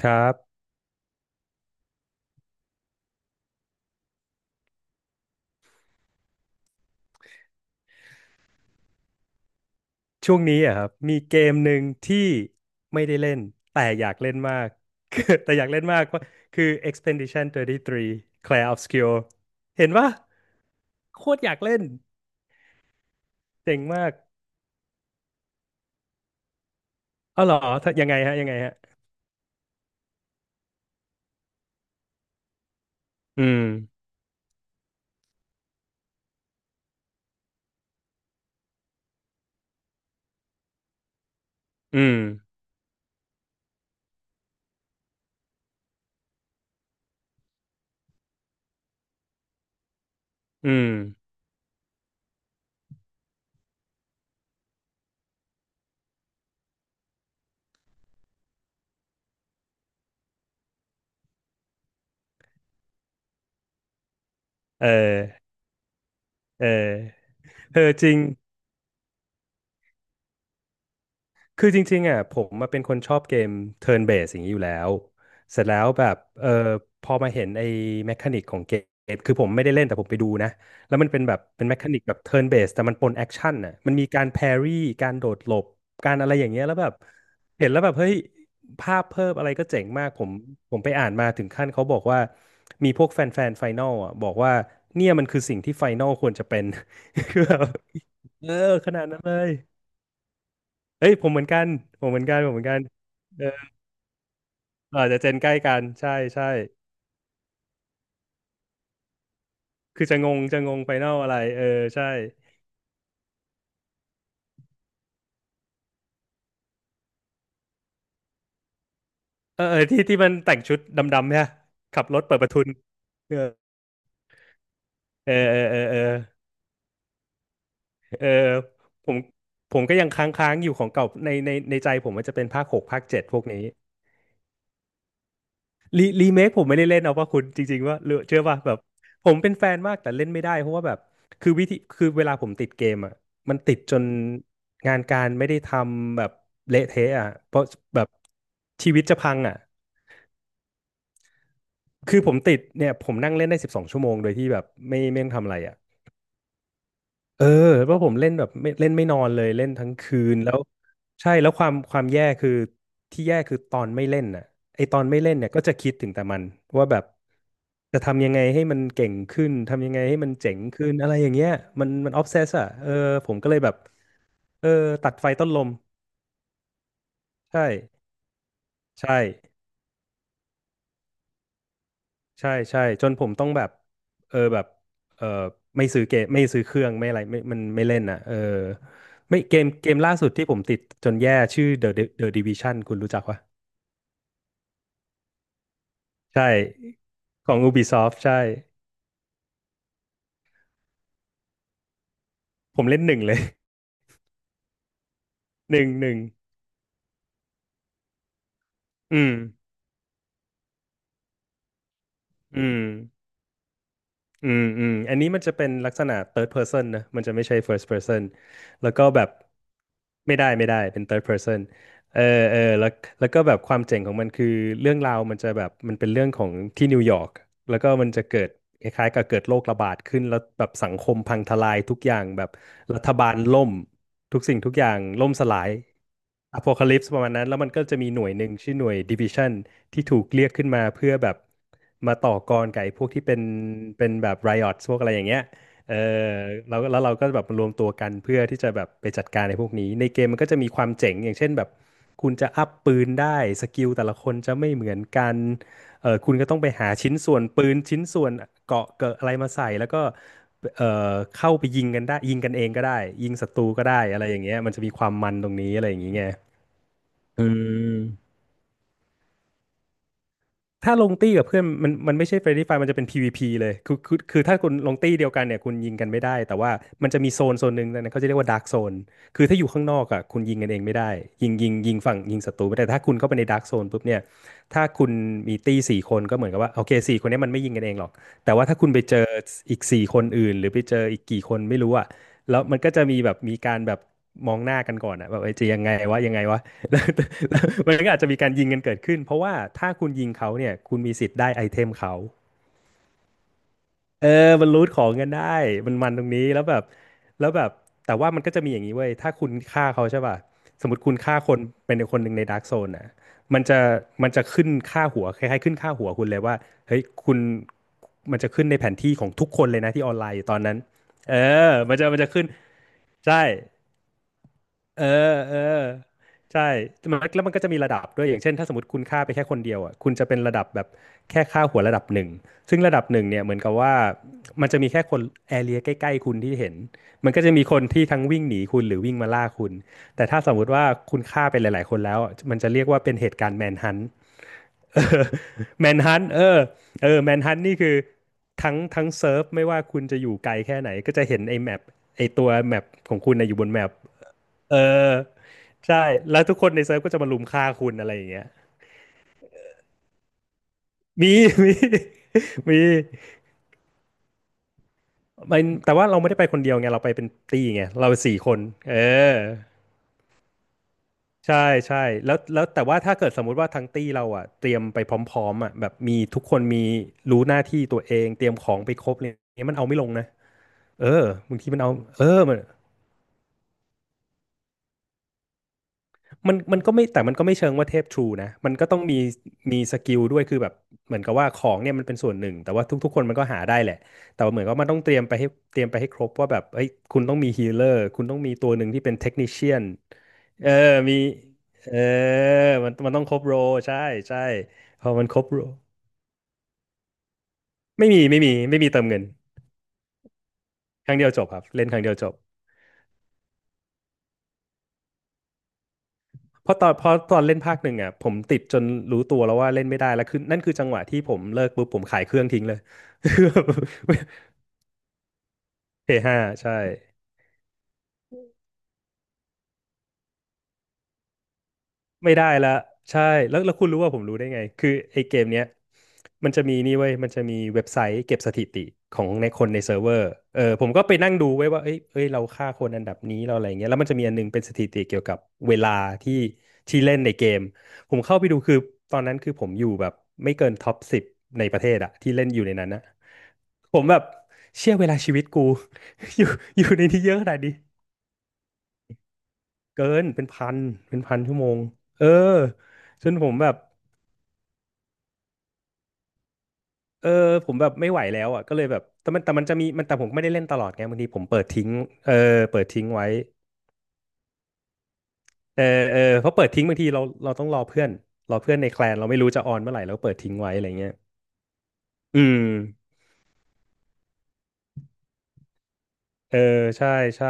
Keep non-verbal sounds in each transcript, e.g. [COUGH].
ครับช่วงนี้อะครับมีเกมหนึ่งที่ไม่ได้เล่นแต่อยากเล่นมาก [LAUGHS] แต่อยากเล่นมากว่าคือ Expedition 33 Clair Obscur เห็นปะโคตรอยากเล่นเจ๋งมากเอ้าเหรอถ้ายังไงฮะอืมอืมอืมเออเออเออจริง คือจริงๆอ่ะผมมาเป็นคนชอบเกม turn based อย่างนี้อยู่แล้วเสร็จแล้วแบบเออพอมาเห็นไอ้แมคานิกของเกมคือผมไม่ได้เล่นแต่ผมไปดูนะแล้วมันเป็นแบบเป็นแมคานิกแบบ turn based แต่มันปนแอคชั่นอ่ะมันมีการแพรี่การโดดหลบการอะไรอย่างเงี้ยแล้วแบบเห็นแล้วแบบเฮ้ยภาพเพิ่มอะไรก็เจ๋งมากผมไปอ่านมาถึงขั้นเขาบอกว่ามีพวกแฟนแฟนไฟนอลอ่ะบอกว่าเนี่ยมันคือสิ่งที่ไฟนอลควรจะเป็น [LAUGHS] คือแบบเออขนาดนั้นเลย เอ้ยผมเหมือนกันผมเหมือนกันผมเหมือนกันเอออาจจะเจนใกล้กันใช่ใช่คือจะงงไฟนอลอะไรเออใช่เออเออที่ที่มันแต่งชุดดำๆเนี่ยขับรถเปิดประทุนเออเออเออเออเออเออผมผมก็ยังค้างๆอยู่ของเก่าในใจผมมันจะเป็นภาค 6 ภาค 7พวกนี้ รีเมคผมไม่ได้เล่นเอาว่าคุณจริงๆว่าเลือเชื่อว่าแบบผมเป็นแฟนมากแต่เล่นไม่ได้เพราะว่าแบบคือวิธีคือเวลาผมติดเกมอ่ะมันติดจนงานการไม่ได้ทำแบบเละเทะอ่ะเพราะแบบชีวิตจะพังอ่ะคือผมติดเนี่ยผมนั่งเล่นได้12 ชั่วโมงโดยที่แบบไม่ต้องทำอะไรอ่ะ เออเพราะผมเล่นแบบไม่เล่นไม่นอนเลยเล่นทั้งคืนแล้วใช่แล้วความแย่คือที่แย่คือตอนไม่เล่นน่ะไอตอนไม่เล่นเนี่ยก็จะคิดถึงแต่มันว่าแบบจะทำยังไงให้มันเก่งขึ้นทำยังไงให้มันเจ๋งขึ้นอะไรอย่างเงี้ยมันออฟเซสอ่ะเออผมก็เลยแบบเออตัดไฟต้นลมใช่ใช่ ใช่ใช่จนผมต้องแบบเออแบบเออไม่ซื้อเกมไม่ซื้อเครื่องไม่อะไรไม่มันไม่เล่นอ่ะเออไม่เกมล่าสุดที่ผมติดจนแย่ชื่อ The Division คุณรู้จักปะใช่ของ Ubisoft ใช่ผมเล่นหนึ่งเลย [LAUGHS] หนึ่งหนึ่งอืมอืม อืมอืมอันนี้มันจะเป็นลักษณะ third person นะมันจะไม่ใช่ first person แล้วก็แบบไม่ได้เป็น third person เออเออแล้วก็แบบความเจ๋งของมันคือเรื่องราวมันจะแบบมันเป็นเรื่องของที่นิวยอร์กแล้วก็มันจะเกิดคล้ายๆกับเกิดโรคระบาดขึ้นแล้วแบบสังคมพังทลายทุกอย่างแบบรัฐบาลล่มทุกสิ่งทุกอย่างล่มสลาย อโพคาลิปส์ประมาณนั้นแล้วมันก็จะมีหน่วยหนึ่งชื่อหน่วยดิวิชันที่ถูกเรียกขึ้นมาเพื่อแบบมาต่อกรกับไอ้พวกที่เป็นแบบไรอ t พวกอะไรอย่างเงี้ยเออเราแล้วเราก็แบบรวมตัวกันเพื่อที่จะแบบไปจัดการในพวกนี้ในเกมมันก็จะมีความเจ๋งอย่างเช่นแบบคุณจะอัพปืนได้สกิลแต่ละคนจะไม่เหมือนกันเออคุณก็ต้องไปหาชิ้นส่วนปืนชิ้นส่วนเกราะเกิดอะไรมาใส่แล้วก็เอ่เข้าไปยิงกันได้ยิงกันเองก็ได้ยิงศัตรูก็ได้อะไรอย่างเงี้ยมันจะมีความมันตรงนี้อะไรอย่างเงี้ย เออถ้าลงตี้กับเพื่อนมันไม่ใช่ Friendly Fire มันจะเป็น PVP เลยคือถ้าคุณลงตี้เดียวกันเนี่ยคุณยิงกันไม่ได้แต่ว่ามันจะมีโซนหนึ่งนะเขาจะเรียกว่า Dark Zone คือถ้าอยู่ข้างนอกอ่ะคุณยิงกันเองไม่ได้ยิงฝั่งยิงศัตรูไม่ได้แต่ถ้าคุณเข้าไปใน Dark Zone ปุ๊บเนี่ยถ้าคุณมีตี้สี่คนก็เหมือนกับว่าโอเคสี่คนเนี้มันไม่ยิงกันเองหรอกแต่ว่าถ้าคุณไปเจออีกสี่คนอื่นหรือไปเจออีกกี่คนไม่รู้อ่ะแล้วมันก็จะมีแบบมีการแบบมองหน้ากันก่อนอ่ะแบบเอ้ยจะยังไงวะยังไงวะ [LAUGHS] มันก็อาจจะมีการยิงกันเกิดขึ้นเพราะว่าถ้าคุณยิงเขาเนี่ยคุณมีสิทธิ์ได้ไอเทมเขาเออมันรูทของกันได้มันตรงนี้แล้วแบบแล้วแบบแต่ว่ามันก็จะมีอย่างนี้เว้ยถ้าคุณฆ่าเขาใช่ป่ะสมมติคุณฆ่าคนเป็นคนหนึ่งในดาร์กโซนนะมันจะมันจะขึ้นค่าหัวคล้ายๆขึ้นค่าหัวคุณเลยว่าเฮ้ยคุณมันจะขึ้นในแผนที่ของทุกคนเลยนะที่ออนไลน์อยู่ตอนนั้นเออมันจะขึ้นใช่ เออเออใช่มันแล้วมันก็จะมีระดับด้วยอย่างเช่นถ้าสมมติคุณฆ่าไปแค่คนเดียวอ่ะคุณจะเป็นระดับแบบแค่ฆ่าหัวระดับหนึ่งซึ่งระดับหนึ่งเนี่ยเหมือนกับว่ามันจะมีแค่คนแอเรียใกล้ๆคุณที่เห็นมันก็จะมีคนที่ทั้งวิ่งหนีคุณหรือวิ่งมาล่าคุณแต่ถ้าสมมติว่าคุณฆ่าไปหลายๆคนแล้วอะมันจะเรียกว่าเป็นเหตุการณ์แมนฮัน [LAUGHS] เออแมนฮันต์เออเออแมนฮันต์นี่คือทั้งเซิร์ฟไม่ว่าคุณจะอยู่ไกลแค่ไหนก็จะเห็นไอ้แมปไอ้ตัวแมปของคุณนะอยู่บนแมป เออใช่แล้วทุกคนในเซิร์ฟก็จะมารุมฆ่าคุณอะไรอย่างเงี้ยมี [LAUGHS] มีมันแต่ว่าเราไม่ได้ไปคนเดียวไงเราไปเป็นตี้ไงเราสี่คนเออใช่ใช่แล้วแล้วแต่ว่าถ้าเกิดสมมุติว่าทั้งตี้เราอ่ะเตรียมไปพร้อมๆอ่ะแบบมีทุกคนมีรู้หน้าที่ตัวเองเตรียมของไปครบอะย่างเงี้ยมันเอาไม่ลงนะเออบางทีมันเอาเออมัน มันก็ไม่แต่มันก็ไม่เชิงว่าเทพทรูนะมันก็ต้องมีมีสกิลด้วยคือแบบเหมือนกับว่าของเนี่ยมันเป็นส่วนหนึ่งแต่ว่าทุกๆคนมันก็หาได้แหละแต่ว่าเหมือนกับว่ามันต้องเตรียมไปให้เตรียมไปให้ครบว่าแบบเอ้ยคุณต้องมีฮีเลอร์คุณต้องมีตัวหนึ่งที่เป็นเทคนิเชียนเออมีเออมันต้องครบโรใช่ใช่พอมันครบโรไม่มีไม่มีเติมเงินครั้งเดียวจบครับเล่นครั้งเดียวจบ เพราะตอนเล่นภาคหนึ่งอ่ะผมติดจนรู้ตัวแล้วว่าเล่นไม่ได้แล้วคือนั่นคือจังหวะที่ผมเลิกปุ๊บผมขายเครื่องทิ้งเลย [LAUGHS] เฮฮาใช่ ไม่ได้ละใช่แล้วแล้วคุณรู้ว่าผมรู้ได้ไงคือไอ้เกมเนี้ยมันจะมีนี่เว้ยมันจะมีเว็บไซต์เก็บสถิติของในคนในเซิร์ฟเวอร์เออผมก็ไปนั่งดูไว้ยว่าเอ้ยเราฆ่าคนอันดับนี้เราอะไรเงี้ยแล้วมันจะมีอันนึงเป็นสถิติเกี่ยวกับเวลาที่ที่เล่นในเกมผมเข้าไปดูคือตอนนั้นคือผมอยู่แบบไม่เกินท็อปสิบในประเทศอะที่เล่นอยู่ในนั้นนะผมแบบเชื่อเวลาชีวิตกู [LAUGHS] อยู่อยู่ในนี้เยอะขนาดนี้เกินเป็นพันเป็นพันชั่วโมงเออจนผมแบบ เออผมแบบไม่ไหวแล้วอ่ะก็เลยแบบแต่มันแต่มันจะมีมันแต่ผมไม่ได้เล่นตลอดไงบางทีผมเปิดทิ้งเออเปิดทิ้งไว้เออเออเพราะเปิดทิ้งบางทีเราต้องรอเพื่อนรอเพื่อนในแคลนเราไม่รู้จะออนเมื่อไหร่เราก็เปิดทิ้งไว้อะไรเงี้ยอืมเออใช่ใช่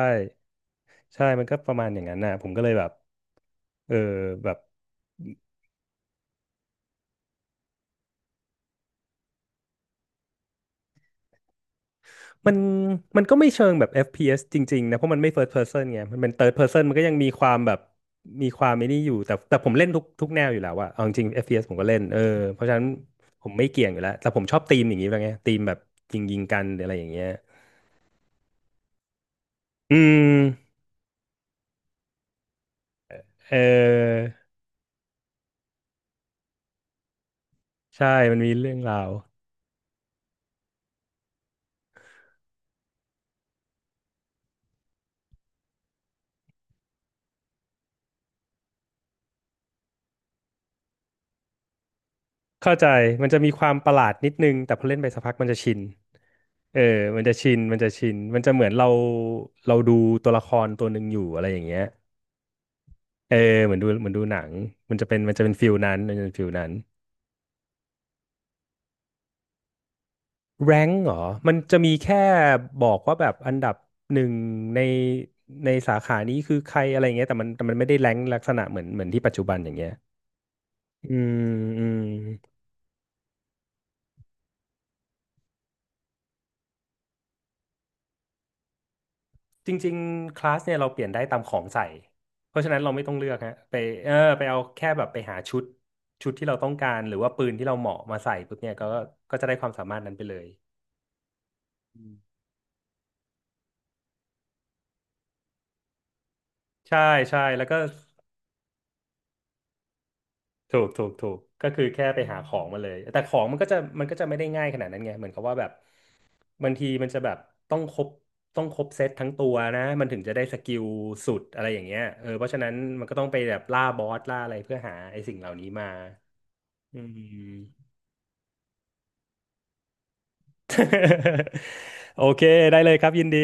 ใช่มันก็ประมาณอย่างนั้นน่ะผมก็เลยแบบเออแบบ มันมันก็ไม่เชิงแบบ FPS จริงๆนะเพราะมันไม่ first person ไงมันเป็น third person มันก็ยังมีความแบบมีความไม่นี่อยู่แต่แต่ผมเล่นทุกแนวอยู่แล้วอะเอาจริงๆ FPS ผมก็เล่นเออเพราะฉะนั้นผมไม่เกี่ยงอยู่แล้วแต่ผมชอบธีมอย่างนี้แล้วไงธีมแบบยิงกันหรืออะไรอย่างเงี้ยอืมเออใช่มันมีเรื่องราวเข้าใจมันจะมีความประหลาดนิดนึงแต่พอเล่นไปสักพักมันจะชินเออมันจะชินมันจะเหมือนเราดูตัวละครตัวหนึ่งอยู่อะไรอย่างเงี้ย เออเหมือนดูหนังมันจะเป็นฟิลนั้นมันจะเป็นฟิลนั้น.แรงเหรอมันจะมีแค่บอกว่าแบบอันดับหนึ่งในในสาขานี้คือใครอะไรเงี้ยแต่มันแต่มันไม่ได้แรงลักษณะเหมือนที่ปัจจุบันอย่างเงี้ยอืมอืมจริงๆคลาสเนี่ยเราเปลี่ยนได้ตามของใส่เพราะฉะนั้นเราไม่ต้องเลือกฮะไปเออไปเอาแค่แบบไปหาชุดชุดที่เราต้องการหรือว่าปืนที่เราเหมาะมาใส่ปุ๊บเนี่ยก็ก็จะได้ความสามารถนั้นไปเลยใช่ใช่แล้วก็ ถูกก็คือแค่ไปหาของมาเลยแต่ของมันก็จะไม่ได้ง่ายขนาดนั้นไงเหมือนกับว่าแบบบางทีมันจะแบบต้องครบต้องครบเซตทั้งตัวนะมันถึงจะได้สกิลสุดอะไรอย่างเงี้ยเออเพราะฉะนั้นมันก็ต้องไปแบบล่าบอสล่าอะไรเพื่อหาไอ้สิ่งเหล่านี้มาอืม [LAUGHS] โอเคได้เลยครับยินดี